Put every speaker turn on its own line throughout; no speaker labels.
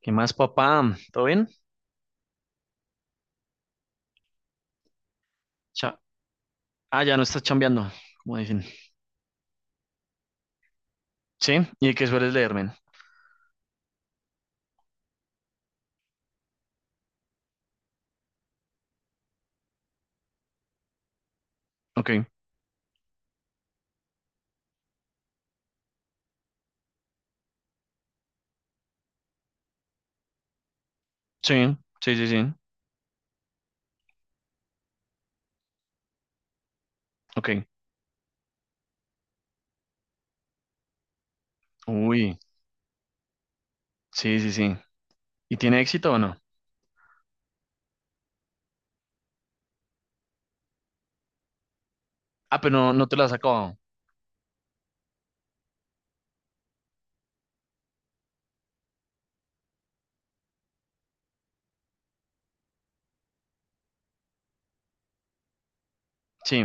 ¿Qué más, papá? ¿Todo bien? Cha- ya no estás chambeando, como dicen. Sí, ¿y qué sueles leer, men? Ok, sí, sí, sí, sí. Ok, uy, sí, sí, sí. ¿Y tiene éxito o no? Ah, pero no, no te lo has acabado. Sí,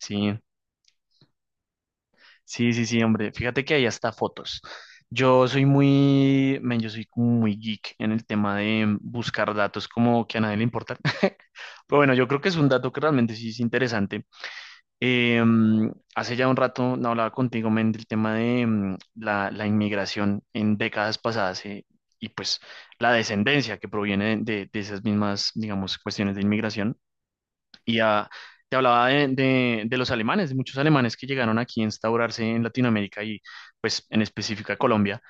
sí, sí, sí, sí, hombre. Fíjate que hay hasta fotos. Yo soy muy, men, yo soy como muy geek en el tema de buscar datos como que a nadie le importan. Pero bueno, yo creo que es un dato que realmente sí es interesante. Hace ya un rato no hablaba contigo, men, del tema de la inmigración en décadas pasadas y pues la descendencia que proviene de esas mismas, digamos, cuestiones de inmigración. Y te hablaba de, de los alemanes, de muchos alemanes que llegaron aquí a instaurarse en Latinoamérica y pues en específico a Colombia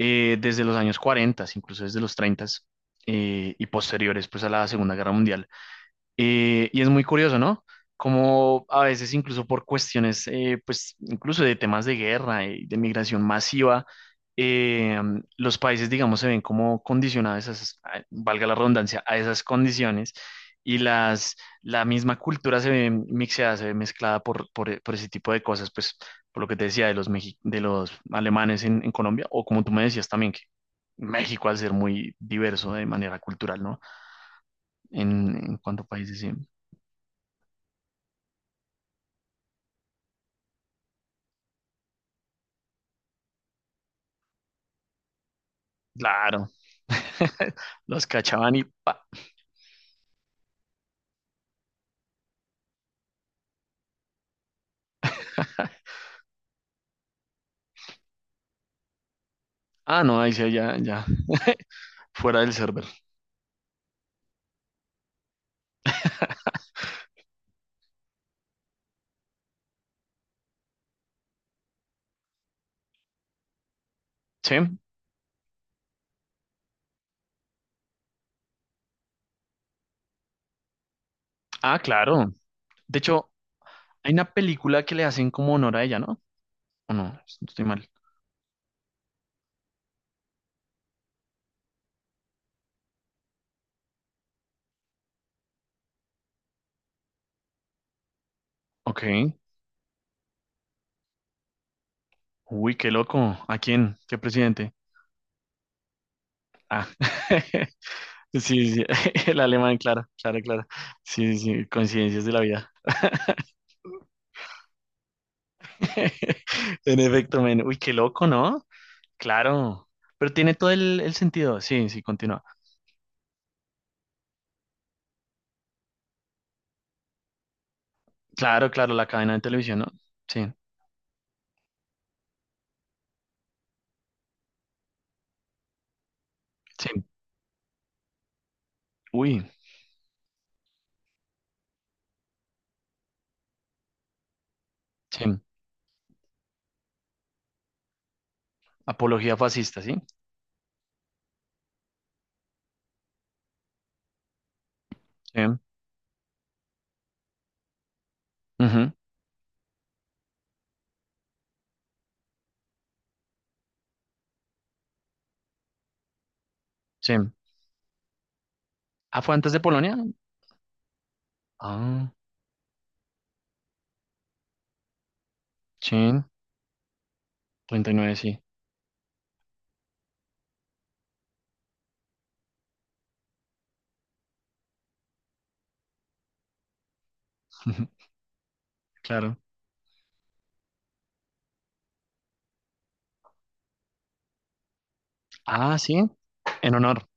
desde los años 40, incluso desde los 30 y posteriores pues a la Segunda Guerra Mundial. Y es muy curioso, ¿no? Como a veces incluso por cuestiones, pues incluso de temas de guerra y de migración masiva, eh, los países, digamos, se ven como condicionados, valga la redundancia, a esas condiciones y la misma cultura se ve mixeada, se ve mezclada por ese tipo de cosas, pues por lo que te decía de los, de los alemanes en Colombia, o como tú me decías también, que México al ser muy diverso de manera cultural, ¿no? En cuanto a países, sí. Claro. Los cachaban y pa. Ah, no, ahí sí, ya, ya. Fuera del server. Sí. Ah, claro. De hecho, hay una película que le hacen como honor a ella, ¿no? ¿O no? Estoy mal. Ok. Uy, qué loco. ¿A quién? ¿Qué presidente? Ah. Sí, sí. El alemán, claro, claro, claro. Sí, sí, sí, coincidencias de la vida. En efecto, men. Uy, qué loco, ¿no? Claro. Pero tiene todo el sentido. Sí, sí, continúa. Claro, claro, la cadena de televisión, ¿no? Sí, sí. Uy, sí. Apología fascista, ¿sí? Sí. Ujú, sí. Ah, ¿fue antes de Polonia? Ah, sí. 39, sí. Claro. Ah, sí. En honor.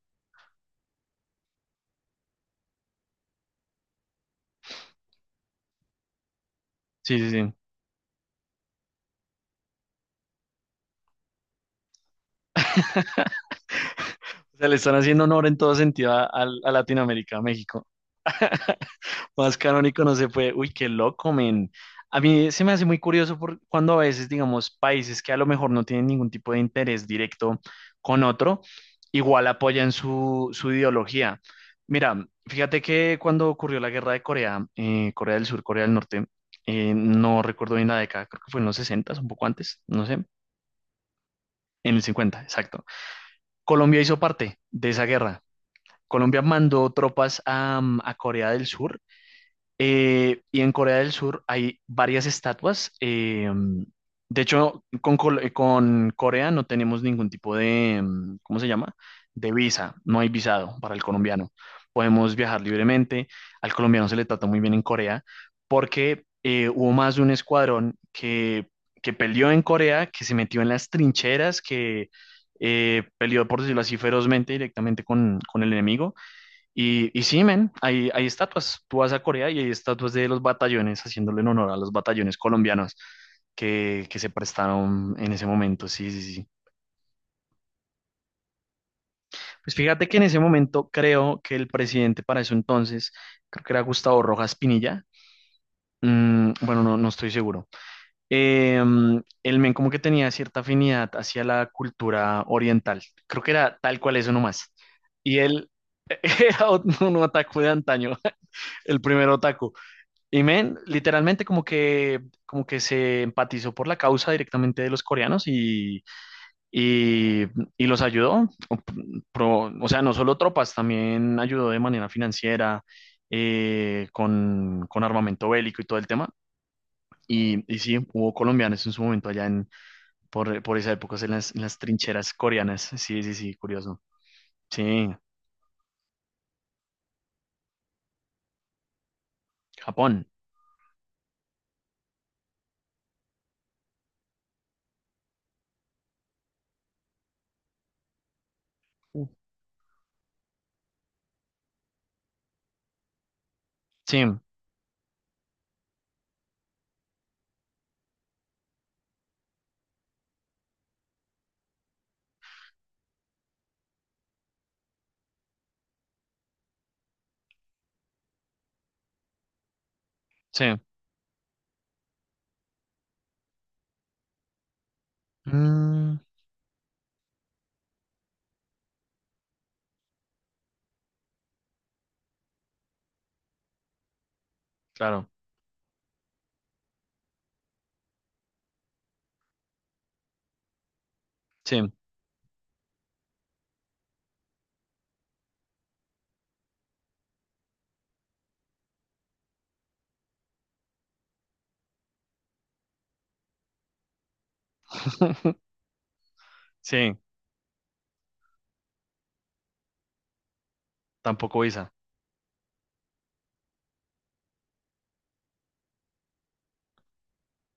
Sí, sí, sí. O sea, le están haciendo honor en todo sentido a, a Latinoamérica, a México. Más canónico no se puede. Uy, qué loco, men. A mí se me hace muy curioso por cuando a veces, digamos, países que a lo mejor no tienen ningún tipo de interés directo con otro, igual apoyan su, su ideología. Mira, fíjate que cuando ocurrió la guerra de Corea, Corea del Sur, Corea del Norte, no recuerdo bien la década, creo que fue en los 60, un poco antes, no sé, en el 50 exacto. Colombia hizo parte de esa guerra. Colombia mandó tropas a Corea del Sur y en Corea del Sur hay varias estatuas. De hecho, con, con Corea no tenemos ningún tipo de, ¿cómo se llama? De visa. No hay visado para el colombiano. Podemos viajar libremente. Al colombiano se le trata muy bien en Corea porque hubo más de un escuadrón que peleó en Corea, que se metió en las trincheras, que peleó, por decirlo así, ferozmente directamente con el enemigo y sí, men, hay estatuas. Tú vas a Corea y hay estatuas de los batallones, haciéndole en honor a los batallones colombianos que se prestaron en ese momento. Sí, sí, sí. Pues fíjate que en ese momento creo que el presidente para eso entonces, creo que era Gustavo Rojas Pinilla. Bueno, no, no estoy seguro. El men como que tenía cierta afinidad hacia la cultura oriental. Creo que era tal cual eso nomás. Y él era un otaku de antaño, el primer otaku. Y men, literalmente como que se empatizó por la causa directamente de los coreanos y, y los ayudó. O sea, no solo tropas, también ayudó de manera financiera, con armamento bélico y todo el tema. Y sí, hubo colombianos en su momento allá en, por esa época en las trincheras coreanas. Sí, sí, sí, curioso. Sí, Japón. Sí, sí. Mm, claro, sí, sí, tampoco visa.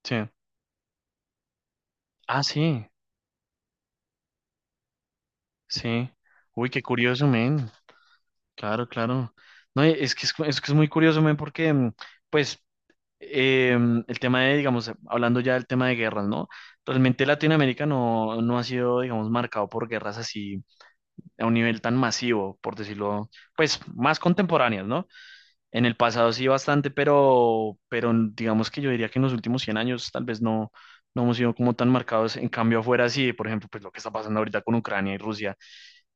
Sí. Ah, sí, sí. Uy, qué curioso, men. Claro, claro. No, y es que es, es que es muy curioso, men, porque, pues, el tema de, digamos, hablando ya del tema de guerras, ¿no? Realmente Latinoamérica no, no ha sido, digamos, marcado por guerras así a un nivel tan masivo, por decirlo, pues, más contemporáneas, ¿no? En el pasado sí bastante, pero, pero digamos que yo diría que en los últimos 100 años tal vez no, no hemos sido como tan marcados. En cambio, afuera sí, por ejemplo, pues lo que está pasando ahorita con Ucrania y Rusia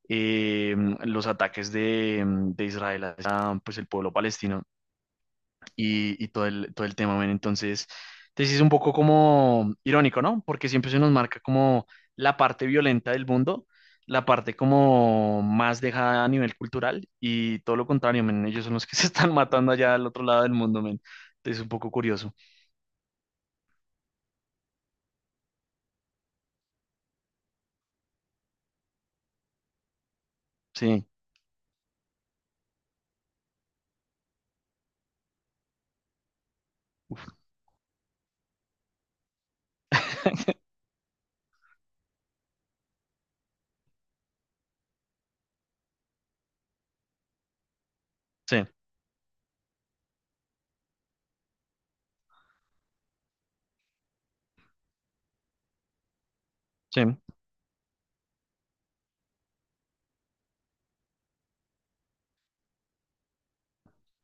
eh, los ataques de Israel a pues, el pueblo palestino y todo el tema, men. Entonces, entonces es un poco como irónico, ¿no? Porque siempre se nos marca como la parte violenta del mundo, la parte como más dejada a nivel cultural y todo lo contrario, men. Ellos son los que se están matando allá al otro lado del mundo, men. Entonces es un poco curioso. Sí, sí, sí,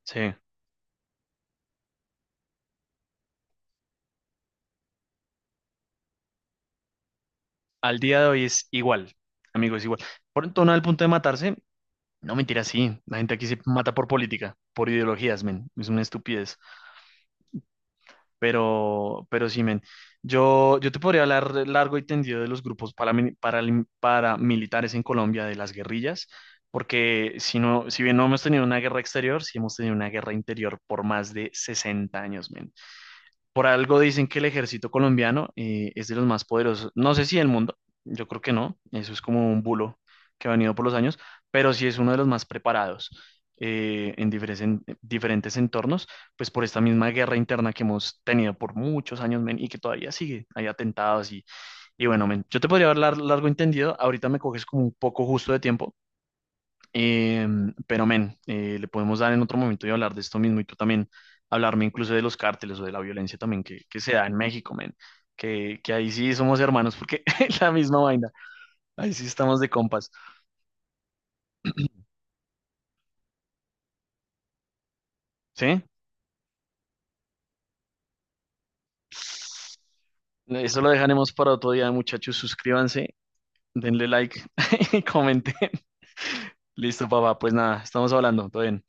sí. Al día de hoy es igual, amigos, igual. Por en torno al punto de matarse, no, mentira, sí. La gente aquí se mata por política, por ideologías, men. Es una estupidez. Pero sí, men. Yo te podría hablar largo y tendido de los grupos paramilitares en Colombia, de las guerrillas, porque si no, si bien no hemos tenido una guerra exterior, sí hemos tenido una guerra interior por más de 60 años, men. Por algo dicen que el ejército colombiano es de los más poderosos. No sé si del mundo, yo creo que no, eso es como un bulo que ha venido por los años, pero sí es uno de los más preparados en diferentes entornos, pues por esta misma guerra interna que hemos tenido por muchos años men, y que todavía sigue. Hay atentados y bueno, men, yo te podría hablar largo y tendido, ahorita me coges como un poco justo de tiempo, eh, pero, men, le podemos dar en otro momento y hablar de esto mismo y tú también hablarme incluso de los cárteles o de la violencia también que se da en México, men. Que ahí sí somos hermanos porque es la misma vaina. Ahí sí estamos de compas. ¿Sí? Eso lo dejaremos para otro día, muchachos. Suscríbanse, denle like y comenten. Listo, papá. Pues nada, estamos hablando. Todo bien.